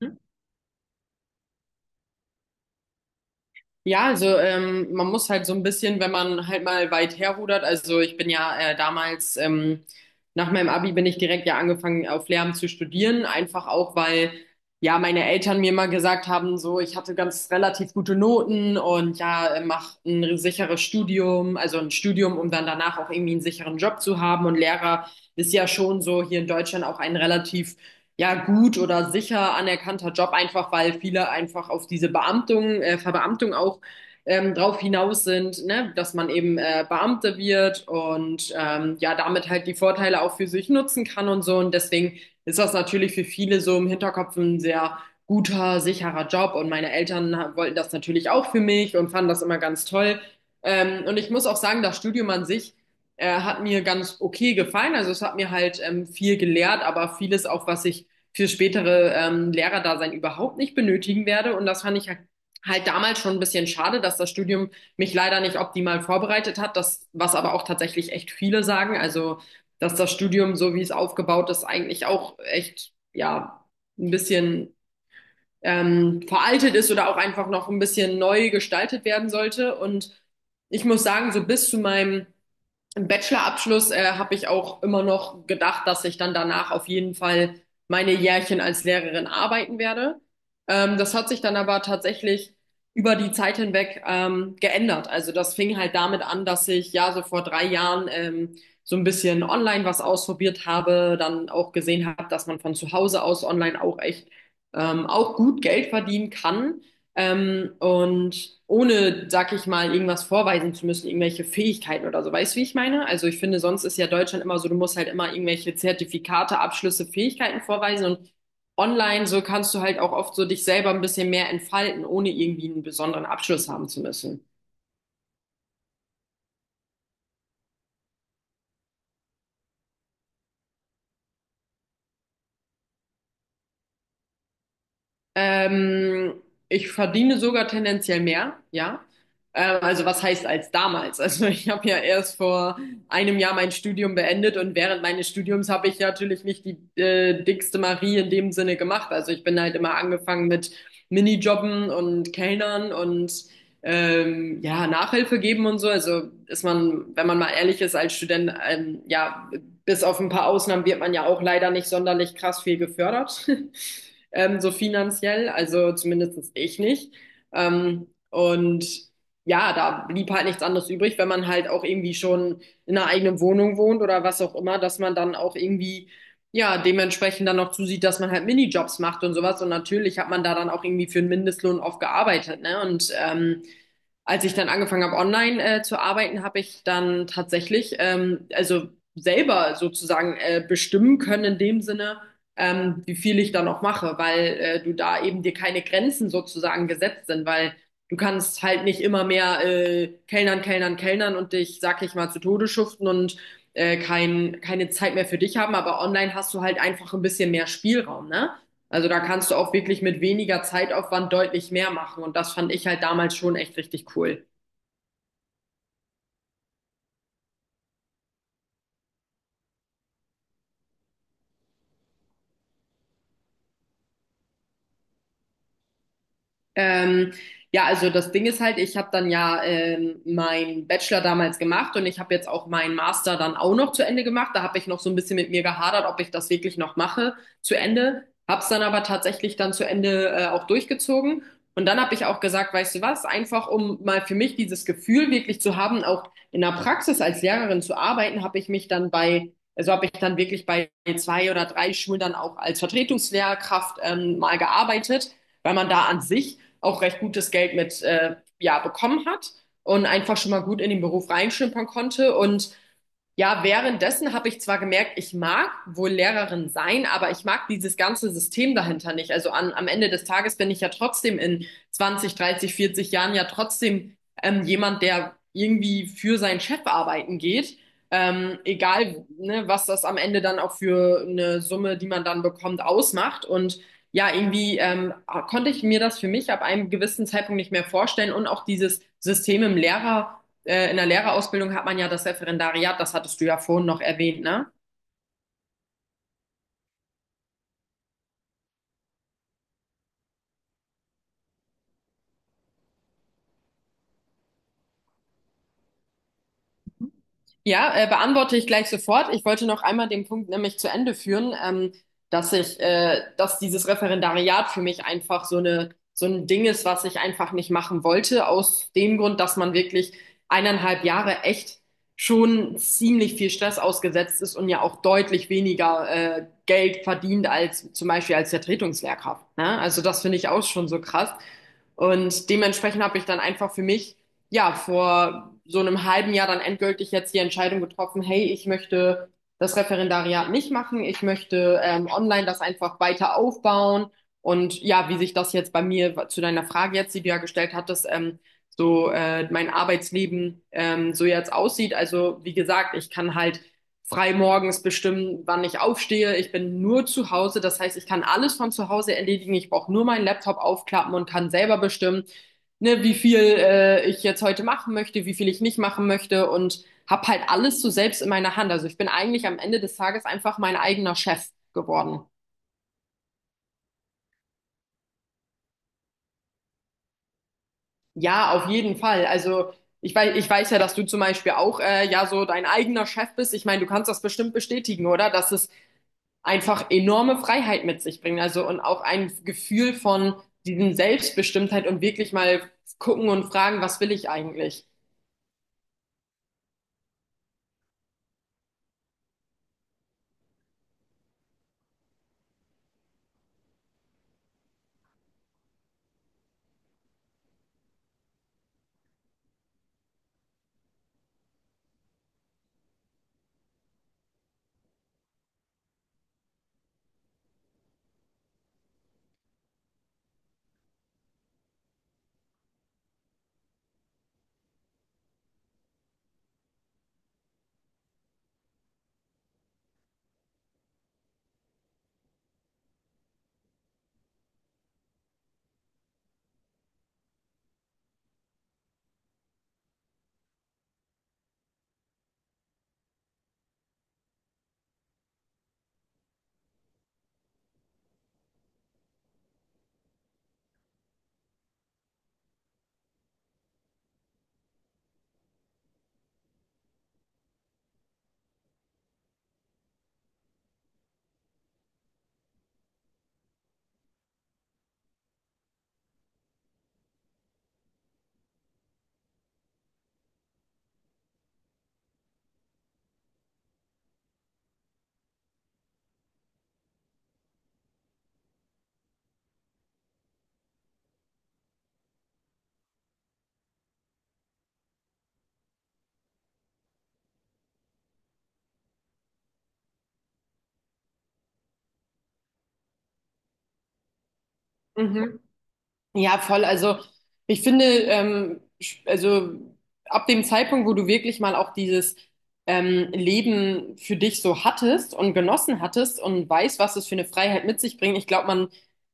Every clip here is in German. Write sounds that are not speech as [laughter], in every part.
Hm? Ja, also man muss halt so ein bisschen, wenn man halt mal weit herrudert, also ich bin ja damals, nach meinem Abi bin ich direkt ja angefangen auf Lehramt zu studieren, einfach auch, weil ja meine Eltern mir mal gesagt haben, so ich hatte ganz relativ gute Noten und ja, mach ein sicheres Studium, also ein Studium, um dann danach auch irgendwie einen sicheren Job zu haben, und Lehrer ist ja schon so hier in Deutschland auch ein relativ ja gut oder sicher anerkannter Job, einfach weil viele einfach auf diese Beamtung, Verbeamtung auch drauf hinaus sind, ne? Dass man eben Beamter wird und ja damit halt die Vorteile auch für sich nutzen kann und so. Und deswegen ist das natürlich für viele so im Hinterkopf ein sehr guter, sicherer Job. Und meine Eltern wollten das natürlich auch für mich und fanden das immer ganz toll. Und ich muss auch sagen, das Studium an sich hat mir ganz okay gefallen. Also es hat mir halt viel gelehrt, aber vieles auch, was ich für spätere Lehrerdasein überhaupt nicht benötigen werde. Und das fand ich halt damals schon ein bisschen schade, dass das Studium mich leider nicht optimal vorbereitet hat. Das, was aber auch tatsächlich echt viele sagen. Also, dass das Studium, so wie es aufgebaut ist, eigentlich auch echt, ja, ein bisschen veraltet ist oder auch einfach noch ein bisschen neu gestaltet werden sollte. Und ich muss sagen, so bis zu meinem im Bachelorabschluss habe ich auch immer noch gedacht, dass ich dann danach auf jeden Fall meine Jährchen als Lehrerin arbeiten werde. Das hat sich dann aber tatsächlich über die Zeit hinweg geändert. Also das fing halt damit an, dass ich ja so vor drei Jahren so ein bisschen online was ausprobiert habe, dann auch gesehen habe, dass man von zu Hause aus online auch echt auch gut Geld verdienen kann. Und ohne, sag ich mal, irgendwas vorweisen zu müssen, irgendwelche Fähigkeiten oder so. Weißt du, wie ich meine? Also ich finde, sonst ist ja Deutschland immer so, du musst halt immer irgendwelche Zertifikate, Abschlüsse, Fähigkeiten vorweisen, und online so kannst du halt auch oft so dich selber ein bisschen mehr entfalten, ohne irgendwie einen besonderen Abschluss haben zu müssen. Ähm, Ich verdiene sogar tendenziell mehr, ja. Also was heißt als damals? [laughs] Also ich habe ja erst vor einem Jahr mein Studium beendet, und während meines Studiums habe ich natürlich nicht die dickste Marie in dem Sinne gemacht. Also ich bin halt immer angefangen mit Minijobben und Kellnern und ja, Nachhilfe geben und so. Also ist man, wenn man mal ehrlich ist, als Student ja bis auf ein paar Ausnahmen wird man ja auch leider nicht sonderlich krass viel gefördert, [laughs] so finanziell, also zumindest ich nicht. Und ja, da blieb halt nichts anderes übrig, wenn man halt auch irgendwie schon in einer eigenen Wohnung wohnt oder was auch immer, dass man dann auch irgendwie ja, dementsprechend dann noch zusieht, dass man halt Minijobs macht und sowas. Und natürlich hat man da dann auch irgendwie für einen Mindestlohn oft gearbeitet, ne? Und als ich dann angefangen habe, online zu arbeiten, habe ich dann tatsächlich, also selber sozusagen bestimmen können in dem Sinne, wie viel ich da noch mache, weil du da eben dir keine Grenzen sozusagen gesetzt sind, weil du kannst halt nicht immer mehr kellnern, kellnern, kellnern und dich, sag ich mal, zu Tode schuften und keine Zeit mehr für dich haben, aber online hast du halt einfach ein bisschen mehr Spielraum, ne? Also da kannst du auch wirklich mit weniger Zeitaufwand deutlich mehr machen, und das fand ich halt damals schon echt richtig cool. Ähm, ja, also das Ding ist halt, ich habe dann ja meinen Bachelor damals gemacht, und ich habe jetzt auch meinen Master dann auch noch zu Ende gemacht. Da habe ich noch so ein bisschen mit mir gehadert, ob ich das wirklich noch mache zu Ende. Hab's dann aber tatsächlich dann zu Ende auch durchgezogen. Und dann habe ich auch gesagt, weißt du was, einfach um mal für mich dieses Gefühl wirklich zu haben, auch in der Praxis als Lehrerin zu arbeiten, habe ich mich dann bei, also habe ich dann wirklich bei zwei oder drei Schulen dann auch als Vertretungslehrkraft mal gearbeitet, weil man da an sich auch recht gutes Geld mit ja, bekommen hat und einfach schon mal gut in den Beruf reinschnuppern konnte. Und ja, währenddessen habe ich zwar gemerkt, ich mag wohl Lehrerin sein, aber ich mag dieses ganze System dahinter nicht. Also am Ende des Tages bin ich ja trotzdem in 20, 30, 40 Jahren ja trotzdem jemand, der irgendwie für seinen Chef arbeiten geht. Egal, ne, was das am Ende dann auch für eine Summe, die man dann bekommt, ausmacht. Und ja, irgendwie konnte ich mir das für mich ab einem gewissen Zeitpunkt nicht mehr vorstellen, und auch dieses System in der Lehrerausbildung hat man ja das Referendariat, das hattest du ja vorhin noch erwähnt, ne? Ja, beantworte ich gleich sofort. Ich wollte noch einmal den Punkt nämlich zu Ende führen, dass dass dieses Referendariat für mich einfach so eine, so ein Ding ist, was ich einfach nicht machen wollte, aus dem Grund, dass man wirklich eineinhalb Jahre echt schon ziemlich viel Stress ausgesetzt ist und ja auch deutlich weniger, Geld verdient als zum Beispiel als Vertretungslehrkraft, ne? Also das finde ich auch schon so krass. Und dementsprechend habe ich dann einfach für mich ja, vor so einem halben Jahr dann endgültig jetzt die Entscheidung getroffen, hey, ich möchte das Referendariat nicht machen, ich möchte online das einfach weiter aufbauen. Und ja, wie sich das jetzt bei mir zu deiner Frage jetzt, die du ja gestellt hattest, so mein Arbeitsleben so jetzt aussieht. Also wie gesagt, ich kann halt frei morgens bestimmen, wann ich aufstehe. Ich bin nur zu Hause. Das heißt, ich kann alles von zu Hause erledigen. Ich brauche nur meinen Laptop aufklappen und kann selber bestimmen, ne, wie viel ich jetzt heute machen möchte, wie viel ich nicht machen möchte und habe halt alles so selbst in meiner Hand. Also ich bin eigentlich am Ende des Tages einfach mein eigener Chef geworden. Ja, auf jeden Fall. Also ich weiß ja, dass du zum Beispiel auch ja so dein eigener Chef bist. Ich meine, du kannst das bestimmt bestätigen, oder? Dass es einfach enorme Freiheit mit sich bringt. Also und auch ein Gefühl von diesem Selbstbestimmtheit und wirklich mal gucken und fragen, was will ich eigentlich? Mhm. Ja, voll. Also ich finde, also ab dem Zeitpunkt, wo du wirklich mal auch dieses Leben für dich so hattest und genossen hattest und weißt, was es für eine Freiheit mit sich bringt, ich glaube, man,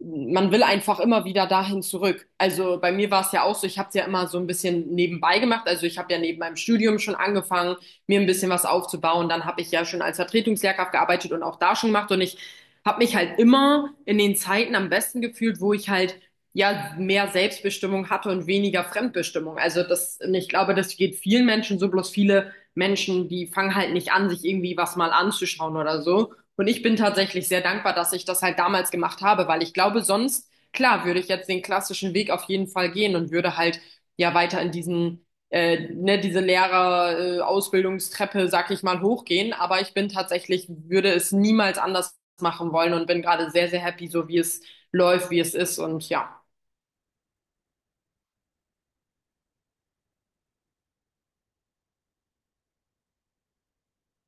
man will einfach immer wieder dahin zurück. Also bei mir war es ja auch so, ich habe es ja immer so ein bisschen nebenbei gemacht. Also ich habe ja neben meinem Studium schon angefangen, mir ein bisschen was aufzubauen. Dann habe ich ja schon als Vertretungslehrkraft gearbeitet und auch da schon gemacht. Und ich habe mich halt immer in den Zeiten am besten gefühlt, wo ich halt ja mehr Selbstbestimmung hatte und weniger Fremdbestimmung. Also das, und ich glaube, das geht vielen Menschen so, bloß viele Menschen, die fangen halt nicht an, sich irgendwie was mal anzuschauen oder so. Und ich bin tatsächlich sehr dankbar, dass ich das halt damals gemacht habe, weil ich glaube, sonst, klar, würde ich jetzt den klassischen Weg auf jeden Fall gehen und würde halt ja weiter ne, diese Lehrer-Ausbildungstreppe, sag ich mal, hochgehen. Aber ich bin tatsächlich, würde es niemals anders machen wollen und bin gerade sehr, sehr happy, so wie es läuft, wie es ist und ja.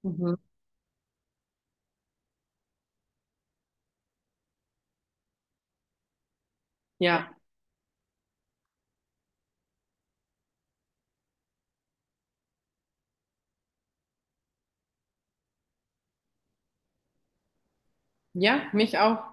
Mhm. Ja, ja, mich auch.